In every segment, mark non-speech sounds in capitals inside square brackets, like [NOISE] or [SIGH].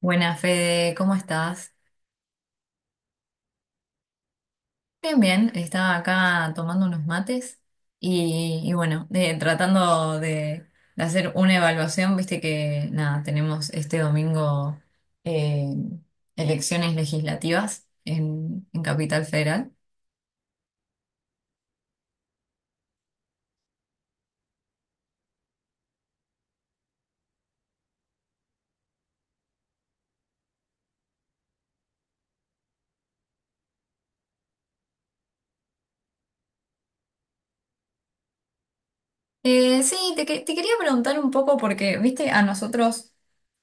Buenas, Fede, ¿cómo estás? Bien, bien, estaba acá tomando unos mates y bueno, tratando de hacer una evaluación, viste que nada, tenemos este domingo eh, elecciones legislativas en Capital Federal. Sí, te quería preguntar un poco porque, viste, a nosotros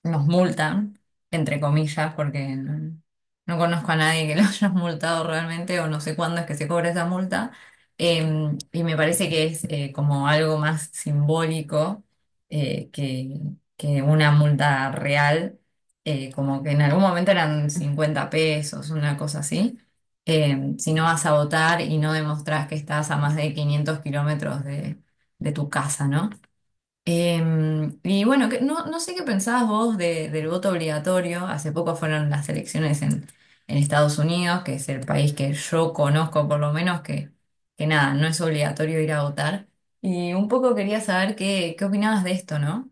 nos multan, entre comillas, porque no, no conozco a nadie que lo [LAUGHS] hayas multado realmente o no sé cuándo es que se cobra esa multa. Y me parece que es como algo más simbólico, eh, que, que una multa real, como que en algún momento eran 50 pesos, una cosa así. Si no vas a votar y no demostrás que estás a más de 500 kilómetros de tu casa, ¿no? Y bueno, no, no sé qué pensabas vos del voto obligatorio. Hace poco fueron las elecciones en Estados Unidos, que es el país que yo conozco por lo menos, que nada, no es obligatorio ir a votar. Y un poco quería saber qué opinabas de esto, ¿no?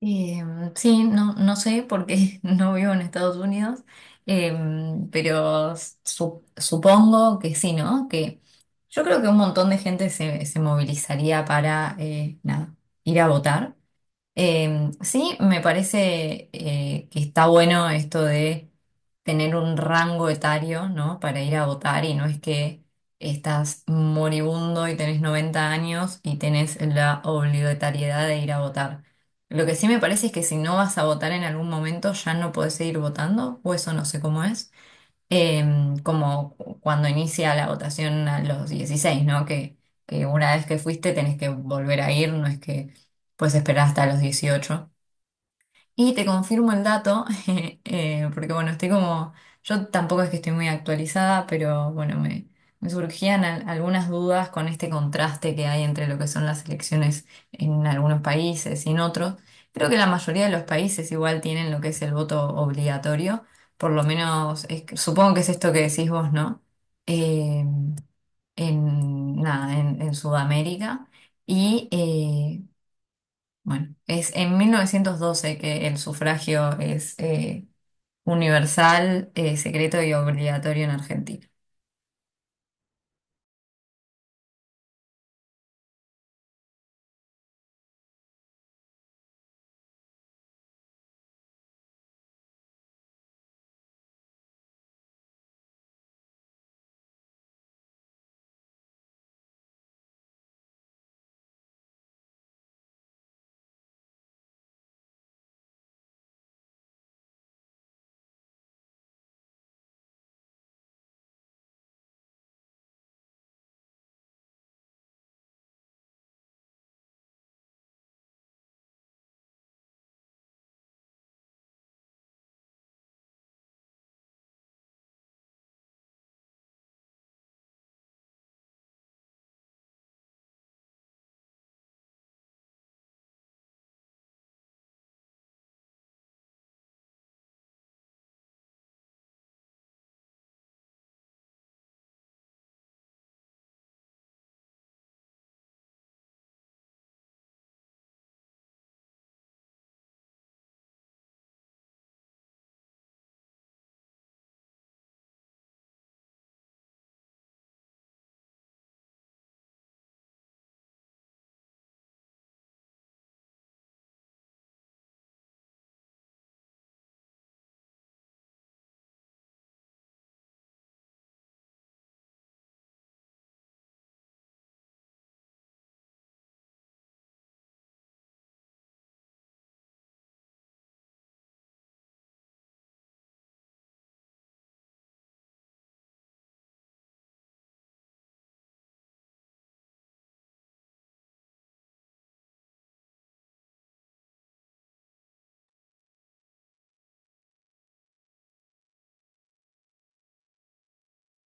Sí, no, no sé porque [LAUGHS] no vivo en Estados Unidos, pero supongo que sí, ¿no? Que yo creo que un montón de gente se movilizaría para nada, ir a votar. Sí, me parece que está bueno esto de tener un rango etario, ¿no? Para ir a votar, y no es que estás moribundo y tenés 90 años y tenés la obligatoriedad de ir a votar. Lo que sí me parece es que si no vas a votar en algún momento ya no podés seguir votando, o eso no sé cómo es, como cuando inicia la votación a los 16, ¿no? Que una vez que fuiste tenés que volver a ir, no es que puedes esperar hasta los 18. Y te confirmo el dato, [LAUGHS] porque bueno, estoy como, yo tampoco es que estoy muy actualizada, pero bueno, me surgían algunas dudas con este contraste que hay entre lo que son las elecciones en algunos países y en otros. Creo que la mayoría de los países igual tienen lo que es el voto obligatorio, por lo menos supongo que es esto que decís vos, ¿no? Eh, nada, en Sudamérica. Y bueno, es en 1912 que el sufragio es universal, secreto y obligatorio en Argentina.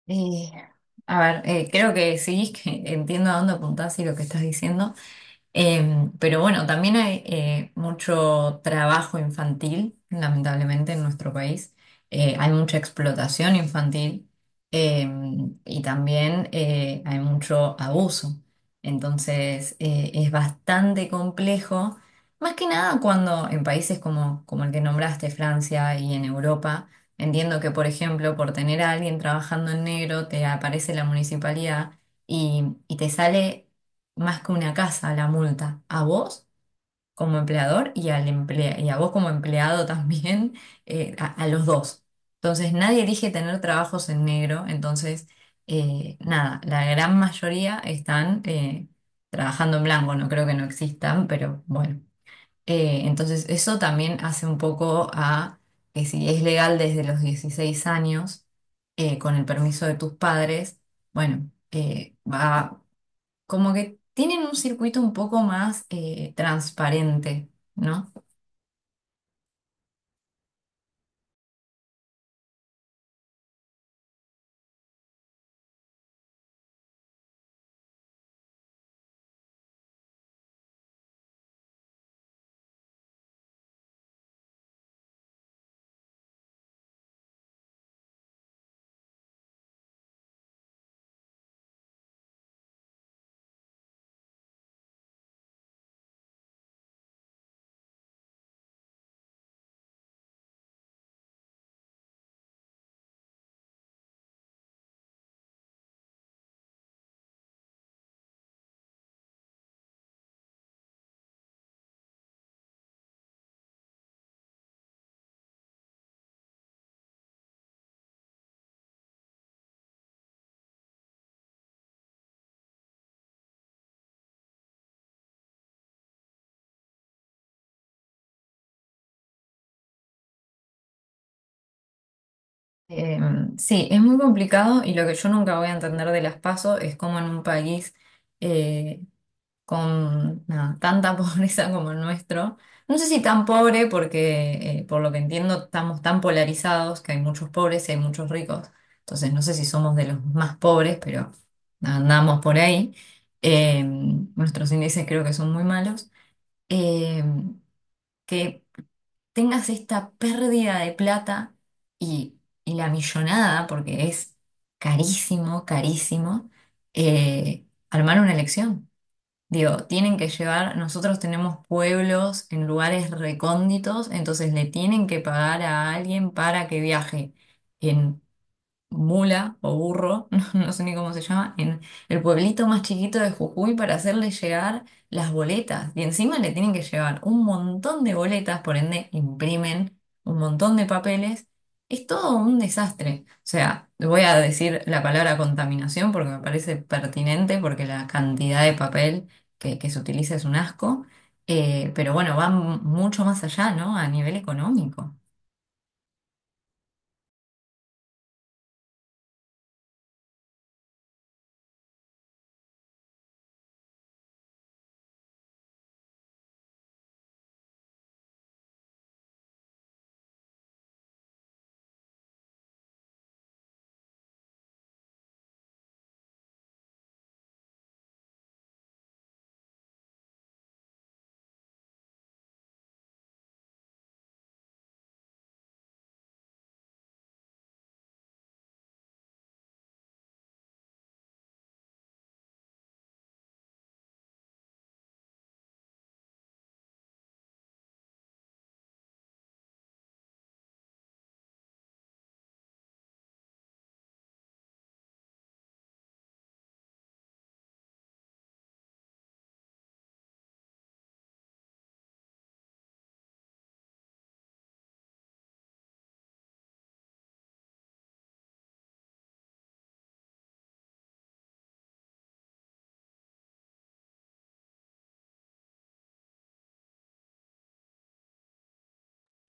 Eh, a ver, creo que sí, [LAUGHS] que entiendo a dónde apuntás y lo que estás diciendo. Pero bueno, también hay mucho trabajo infantil, lamentablemente, en nuestro país. Hay mucha explotación infantil eh, y también hay mucho abuso. Entonces, es bastante complejo, más que nada cuando en países como el que nombraste, Francia y en Europa, entiendo que, por ejemplo, por tener a alguien trabajando en negro, te aparece la municipalidad y te sale más que una casa la multa, a vos como empleador y a vos como empleado también, [LAUGHS] a los dos. Entonces nadie elige tener trabajos en negro, entonces nada, la gran mayoría están trabajando en blanco, no creo que no existan, pero bueno. Entonces eso también hace un poco a que, si es legal desde los 16 años, con el permiso de tus padres, bueno, va, como que tienen un circuito un poco más transparente, ¿no? Eh, sí, es muy complicado, y lo que yo nunca voy a entender de las PASO es cómo en un país eh, con nada, tanta [LAUGHS] pobreza como el nuestro, no sé si tan pobre porque, por lo que entiendo, estamos tan polarizados que hay muchos pobres y hay muchos ricos, entonces no sé si somos de los más pobres, pero andamos por ahí. Nuestros índices creo que son muy malos. Eh, que tengas esta pérdida de plata y, y la millonada, porque es carísimo, carísimo, armar una elección. Digo, tienen que llevar, nosotros tenemos pueblos en lugares recónditos, entonces le tienen que pagar a alguien para que viaje en mula o burro, [LAUGHS] no no sé ni cómo se llama, en el pueblito más chiquito de Jujuy, para hacerle llegar las boletas. Y encima le tienen que llevar un montón de boletas, por ende imprimen un montón de papeles. Es todo un desastre. O sea, voy a decir la palabra contaminación porque me parece pertinente, porque la cantidad de papel que se utiliza es un asco. Pero bueno, va mucho más allá, ¿no? A nivel económico.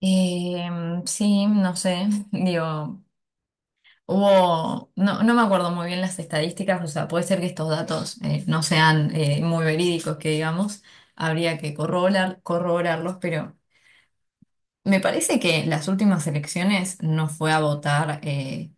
Eh, sí, no sé, [LAUGHS] digo, no, no me acuerdo muy bien las estadísticas, o sea, puede ser que estos datos no sean muy verídicos, que digamos, habría que corroborarlos, pero me parece que en las últimas elecciones no fue a votar.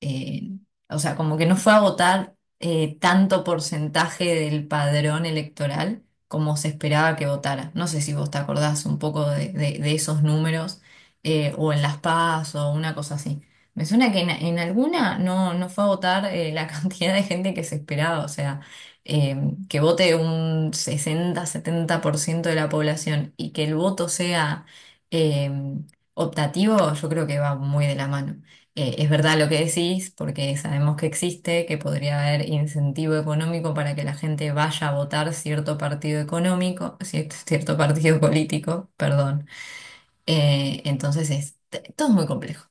eh, o sea, como que no fue a votar tanto porcentaje del padrón electoral como se esperaba que votara. No sé si vos te acordás un poco de esos números, o en las PAS o una cosa así. Me suena que en alguna no, no fue a votar la [LAUGHS] cantidad de gente que se esperaba, o sea, eh, que vote un 60-70% de la población, y que el voto sea eh, optativo, yo creo que va muy de la mano. Es verdad lo que decís, porque sabemos que existe, que podría haber incentivo económico para que la gente vaya a votar cierto partido económico, cierto partido político, perdón. Entonces es, todo es muy complejo.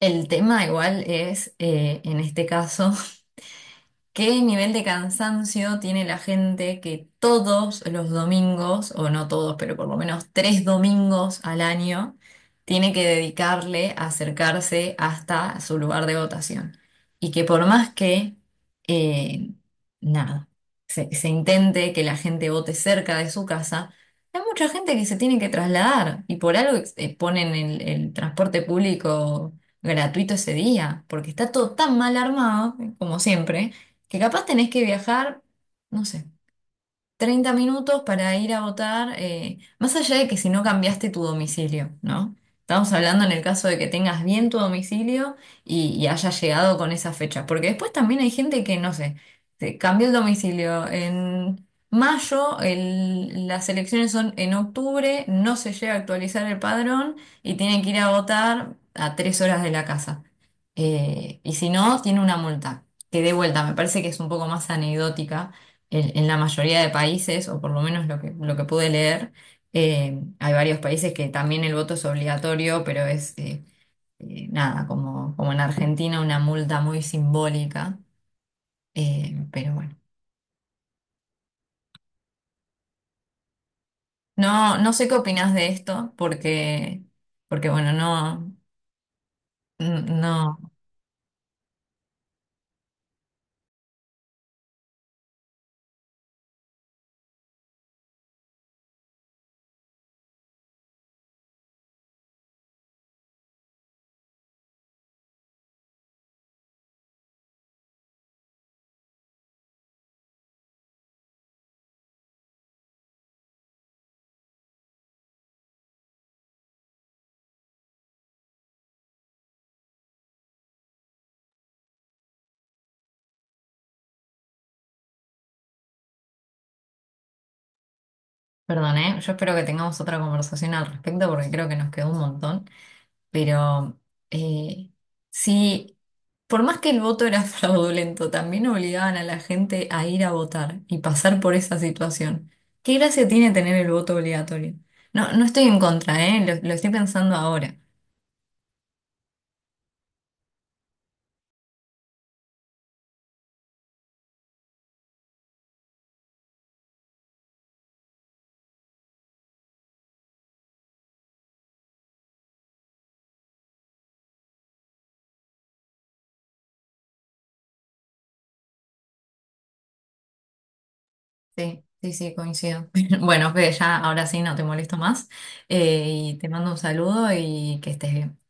El tema igual es, en este caso, ¿qué nivel de cansancio tiene la gente, que todos los domingos, o no todos, pero por lo menos tres domingos al año, tiene que dedicarle a acercarse hasta su lugar de votación? Y que por más que, eh, nada, se intente que la gente vote cerca de su casa, hay mucha gente que se tiene que trasladar, y por algo ponen el transporte público gratuito ese día, porque está todo tan mal armado, como siempre, que capaz tenés que viajar, no sé, 30 minutos para ir a votar, más allá de que si no cambiaste tu domicilio, ¿no? Estamos hablando en el caso de que tengas bien tu domicilio y hayas llegado con esa fecha, porque después también hay gente que, no sé, se cambió el domicilio en mayo, las elecciones son en octubre, no se llega a actualizar el padrón y tiene que ir a votar a 3 horas de la casa. Y si no, tiene una multa, que de vuelta me parece que es un poco más anecdótica en la mayoría de países, o por lo menos, lo que pude leer, hay varios países que también el voto es obligatorio, pero es nada, como en Argentina, una multa muy simbólica. Pero bueno, no, no sé qué opinas de esto, porque, bueno, no, perdón, ¿eh? Yo espero que tengamos otra conversación al respecto, porque creo que nos quedó un montón. Pero eh, sí, por más que el voto era [LAUGHS] fraudulento, también obligaban a la gente a ir a votar y pasar por esa situación. ¿Qué gracia tiene tener el voto obligatorio? No, no estoy en contra, ¿eh? Lo estoy pensando ahora. Sí, sí, sí, coincido. [LAUGHS] Bueno, Fede, ya ahora sí no te molesto más. Y te mando un saludo y que estés bien.